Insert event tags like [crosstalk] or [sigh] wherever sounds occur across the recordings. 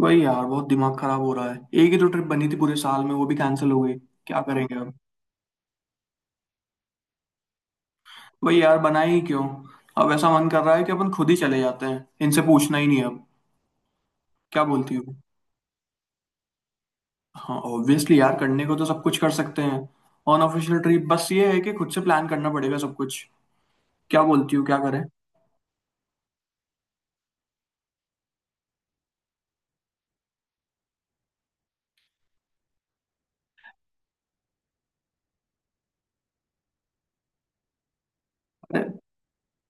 वही यार बहुत दिमाग खराब हो रहा है। एक ही तो ट्रिप बनी थी पूरे साल में, वो भी कैंसिल हो गई। क्या करेंगे अब। वही यार, बनाए ही क्यों। अब ऐसा मन कर रहा है कि अपन खुद ही चले जाते हैं, इनसे पूछना ही नहीं है अब। क्या बोलती हो। हाँ ऑब्वियसली यार, करने को तो सब कुछ कर सकते हैं। अनऑफिशियल ट्रिप बस ये है कि खुद से प्लान करना पड़ेगा सब कुछ। क्या बोलती हो, क्या करें। अरे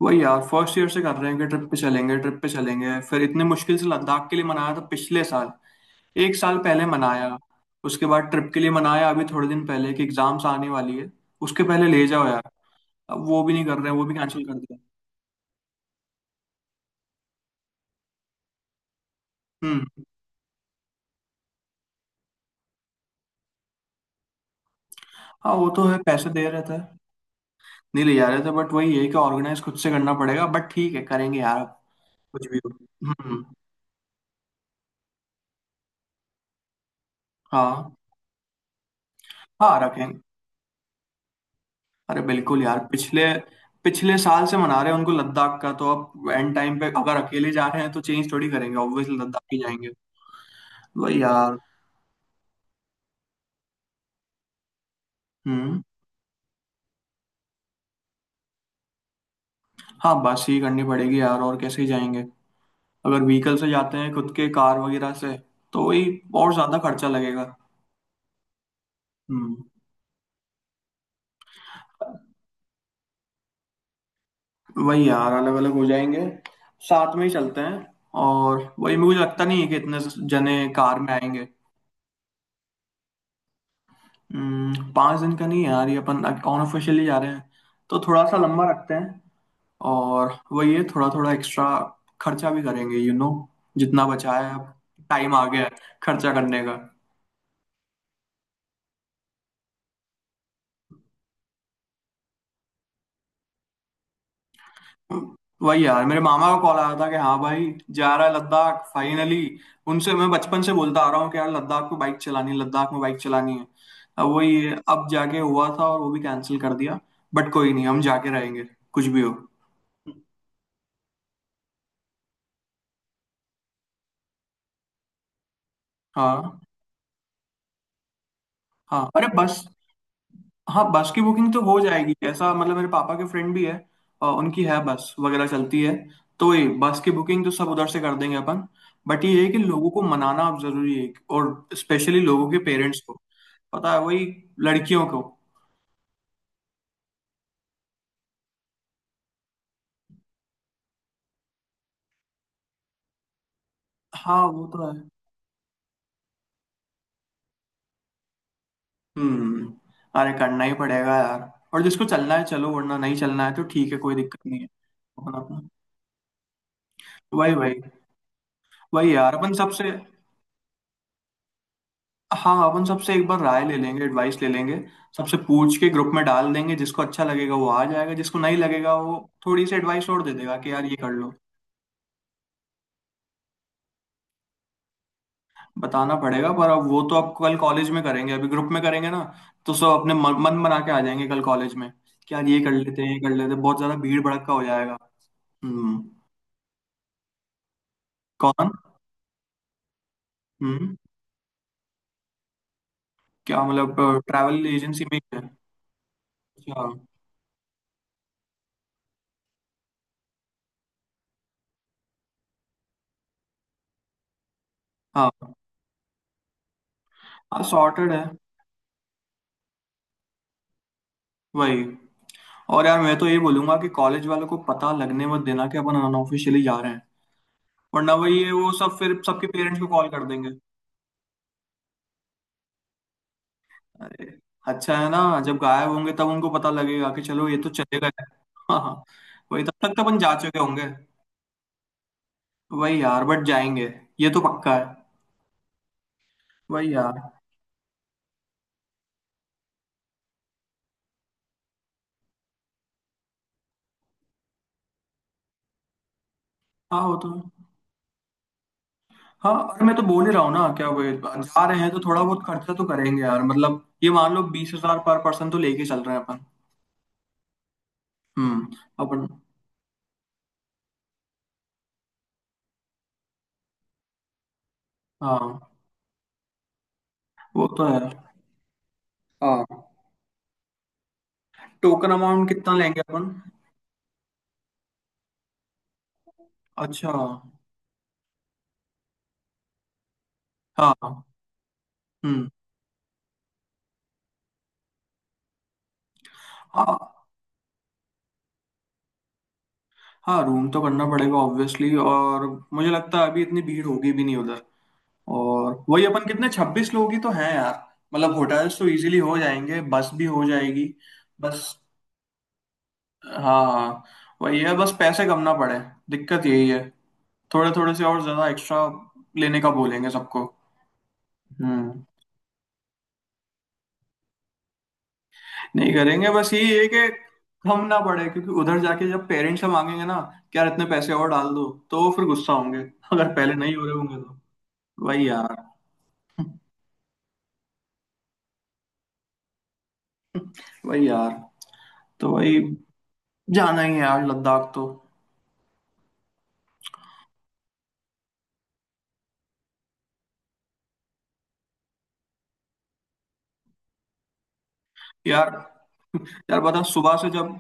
वही यार, फर्स्ट ईयर से कर रहे हैं कि ट्रिप पे चलेंगे ट्रिप पे चलेंगे। फिर इतने मुश्किल से लद्दाख के लिए मनाया था पिछले साल। एक साल पहले मनाया, उसके बाद ट्रिप के लिए मनाया अभी थोड़े दिन पहले कि एग्जाम्स आने वाली है, उसके पहले ले जाओ यार। अब वो भी नहीं कर रहे हैं, वो भी कैंसिल कर दिया। हम्म। हाँ वो तो है, पैसे दे रहे थे। नहीं ले जा रहे थे, बट वही है कि ऑर्गेनाइज खुद से करना पड़ेगा। बट ठीक है, करेंगे यार अब। कुछ भी हो। हम्म। हाँ। हाँ रखेंगे। अरे बिल्कुल यार, पिछले पिछले साल से मना रहे हैं उनको लद्दाख का। तो अब एंड टाइम पे अगर अकेले जा रहे हैं तो चेंज थोड़ी करेंगे, ऑब्वियसली लद्दाख ही जाएंगे। वही यार। हम्म। हाँ बस ही करनी पड़ेगी यार, और कैसे ही जाएंगे। अगर व्हीकल से जाते हैं, खुद के कार वगैरह से, तो वही, और ज्यादा खर्चा लगेगा। हम्म। वही यार, अलग अलग हो जाएंगे। साथ में ही चलते हैं। और वही, मुझे लगता नहीं है कि इतने जने कार में आएंगे। 5 दिन का नहीं है यार, ये अपन अनऑफिशियली जा रहे हैं तो थोड़ा सा लंबा रखते हैं। और वही है, थोड़ा थोड़ा एक्स्ट्रा खर्चा भी करेंगे जितना बचा है अब, टाइम आ गया है खर्चा करने का। वही यार, मेरे मामा का कॉल आया था कि हाँ भाई जा रहा है लद्दाख फाइनली। उनसे मैं बचपन से बोलता आ रहा हूँ कि यार लद्दाख में बाइक चलानी है, लद्दाख में बाइक चलानी है। अब वही है, अब जाके हुआ था और वो भी कैंसिल कर दिया। बट कोई नहीं, हम जाके रहेंगे, कुछ भी हो। हाँ। हाँ अरे बस, हाँ बस की बुकिंग तो हो जाएगी, ऐसा मतलब मेरे पापा के फ्रेंड भी है। उनकी है, बस वगैरह चलती है। तो ये बस की बुकिंग तो सब उधर से कर देंगे अपन। बट ये है कि लोगों को मनाना अब जरूरी है, और स्पेशली लोगों के पेरेंट्स को। पता है वही, लड़कियों को। हाँ वो तो है। हम्म। अरे करना ही पड़ेगा यार। और जिसको चलना है चलो, वरना नहीं चलना है तो ठीक है, कोई दिक्कत नहीं है। अपना अपना। वही वही। वही यार, अपन सबसे, हाँ अपन सबसे एक बार राय ले लेंगे, एडवाइस ले लेंगे। सबसे पूछ के ग्रुप में डाल देंगे, जिसको अच्छा लगेगा वो आ जाएगा, जिसको नहीं लगेगा वो थोड़ी सी एडवाइस और दे देगा कि यार ये कर लो। बताना पड़ेगा, पर अब वो तो अब कल कॉलेज में करेंगे, अभी ग्रुप में करेंगे ना। तो सब अपने मन बना के आ जाएंगे कल कॉलेज में कि यार ये कर लेते हैं, ये कर लेते हैं। बहुत ज्यादा भीड़ भड़क का हो जाएगा। हम्म। कौन। हम्म। क्या मतलब, ट्रैवल एजेंसी में ही है। अच्छा। हाँ। हाँ सॉर्टेड है। वही। और यार मैं तो ये बोलूंगा कि कॉलेज वालों को पता लगने मत देना कि अपन अनऑफिशियली जा रहे हैं, वरना वही है, वो सब फिर सबके पेरेंट्स को कॉल कर देंगे। अरे अच्छा है ना, जब गायब होंगे तब उनको पता लगेगा कि चलो ये तो चले गए। हाँ हाँ। वही, तब तक तो अपन जा चुके होंगे। वही यार, बट जाएंगे, ये तो पक्का है। वही यार। हाँ वो तो। हाँ अरे मैं तो बोल ही रहा हूँ ना क्या, वही, जा रहे हैं तो थोड़ा बहुत खर्चा तो करेंगे यार। मतलब ये मान लो 20 हजार पर पर्सन तो लेके चल रहे हैं अपन। हम्म। अपन। हाँ वो तो है। हाँ टोकन अमाउंट कितना लेंगे अपन। अच्छा। हाँ। हम्म। हाँ। हाँ रूम तो करना पड़ेगा ऑब्वियसली। और मुझे लगता है अभी इतनी भीड़ होगी भी नहीं उधर। और वही अपन कितने, 26 लोग ही तो हैं यार। मतलब होटल्स तो इजीली हो जाएंगे, बस भी हो जाएगी। बस। हाँ हाँ। वही है, बस पैसे कम ना पड़े, दिक्कत यही है। थोड़े थोड़े से और ज्यादा एक्स्ट्रा लेने का बोलेंगे सबको। हम्म। नहीं करेंगे, बस ये है कि हम ना पड़े, क्योंकि उधर जाके जब पेरेंट्स से मांगेंगे ना कि यार इतने पैसे और डाल दो, तो वो फिर गुस्सा होंगे, अगर पहले नहीं हो रहे होंगे तो। वही यार। वही यार, तो वही, जाना ही है यार लद्दाख तो। यार, यार बता, सुबह से जब,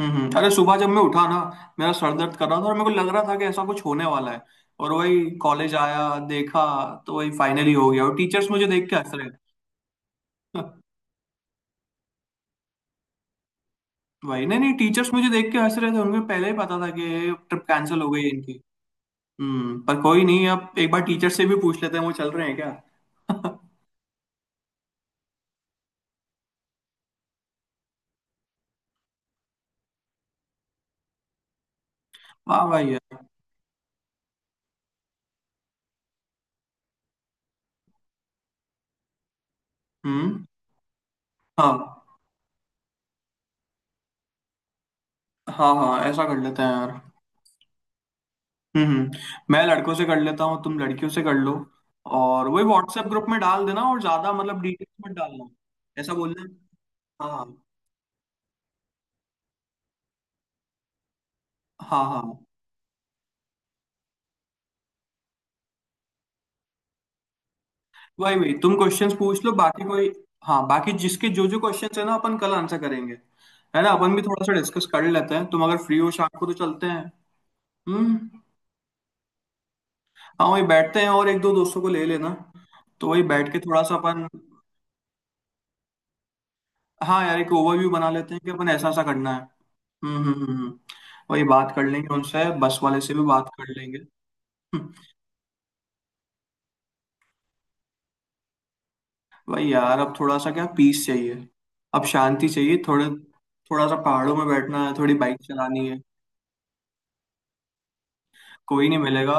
अरे सुबह जब मैं उठा ना, मेरा सर दर्द कर रहा था और मेरे को लग रहा था कि ऐसा कुछ होने वाला है। और वही कॉलेज आया, देखा, तो वही फाइनली हो गया। और टीचर्स मुझे देख के हंस रहे हैं। वही नहीं नहीं, टीचर्स मुझे देख के हंस रहे थे, उनको पहले ही पता था कि ट्रिप कैंसिल हो गई है इनकी। हम्म, पर कोई नहीं, अब एक बार टीचर से भी पूछ लेते हैं वो चल रहे हैं क्या। [laughs] वाह भाई यार। हम्म। हाँ। हाँ हाँ ऐसा कर लेते हैं यार। हम्म हम्म, मैं लड़कों से कर लेता हूँ, तुम लड़कियों से कर लो। और वही व्हाट्सएप ग्रुप में डाल देना, और ज्यादा मतलब डिटेल्स मत डालना, ऐसा बोलना। हाँ। हाँ हाँ। वही वही, तुम क्वेश्चंस पूछ लो, बाकी कोई, हाँ बाकी जिसके जो जो क्वेश्चंस है ना अपन कल आंसर करेंगे। है ना, अपन भी थोड़ा सा डिस्कस कर लेते हैं, तुम अगर फ्री हो शाम को तो चलते हैं। हम्म। हाँ वही बैठते हैं, और एक दो दोस्तों को ले लेना, तो वही बैठ के थोड़ा सा अपन, हाँ यार एक ओवरव्यू बना लेते हैं कि अपन ऐसा ऐसा करना है। हम्म हम्म हम्म हम्म। वही, बात कर लेंगे उनसे, बस वाले से भी बात कर लेंगे। हम्म, वही यार, अब थोड़ा सा क्या, पीस चाहिए, अब शांति चाहिए थोड़े, थोड़ा सा पहाड़ों में बैठना है, थोड़ी बाइक चलानी है। कोई नहीं मिलेगा,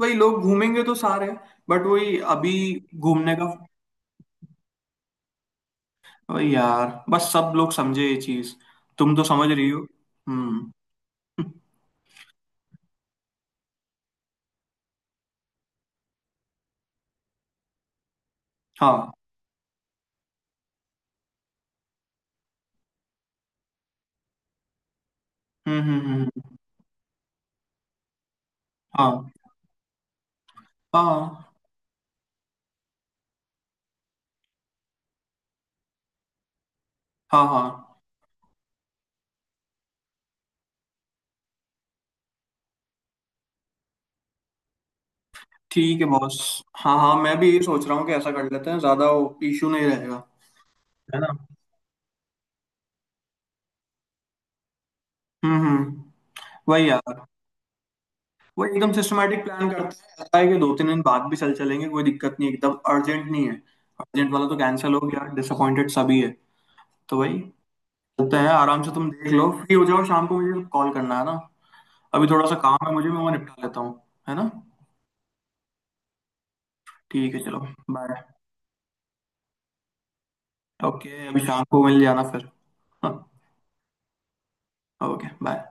वही लोग घूमेंगे तो सारे, बट वही अभी घूमने का। वही यार, बस सब लोग समझे ये चीज, तुम तो समझ रही हो। हम्म। हाँ। हम्म हम्म हम्म, हम्म, हाँ हाँ हाँ। हाँ ठीक है बॉस। हाँ हाँ मैं भी ये सोच रहा हूँ कि ऐसा कर लेते हैं, ज्यादा इशू नहीं रहेगा। है ना। हम्म। वही यार। वही, एकदम सिस्टमेटिक प्लान करते हैं। ऐसा है कि 2-3 दिन बाद भी चल चलेंगे, कोई दिक्कत नहीं, एकदम अर्जेंट नहीं है। अर्जेंट वाला तो कैंसिल हो गया, डिसअपॉइंटेड सभी है। तो वही, होता है। आराम से तुम देख लो, फ्री हो जाओ शाम को, मुझे कॉल करना है ना। अभी थोड़ा सा काम है मुझे, मैं वो निपटा लेता हूँ। है ना, ठीक है चलो। बाय। ओके अभी शाम को मिल जाना फिर। हाँ। Okay bye.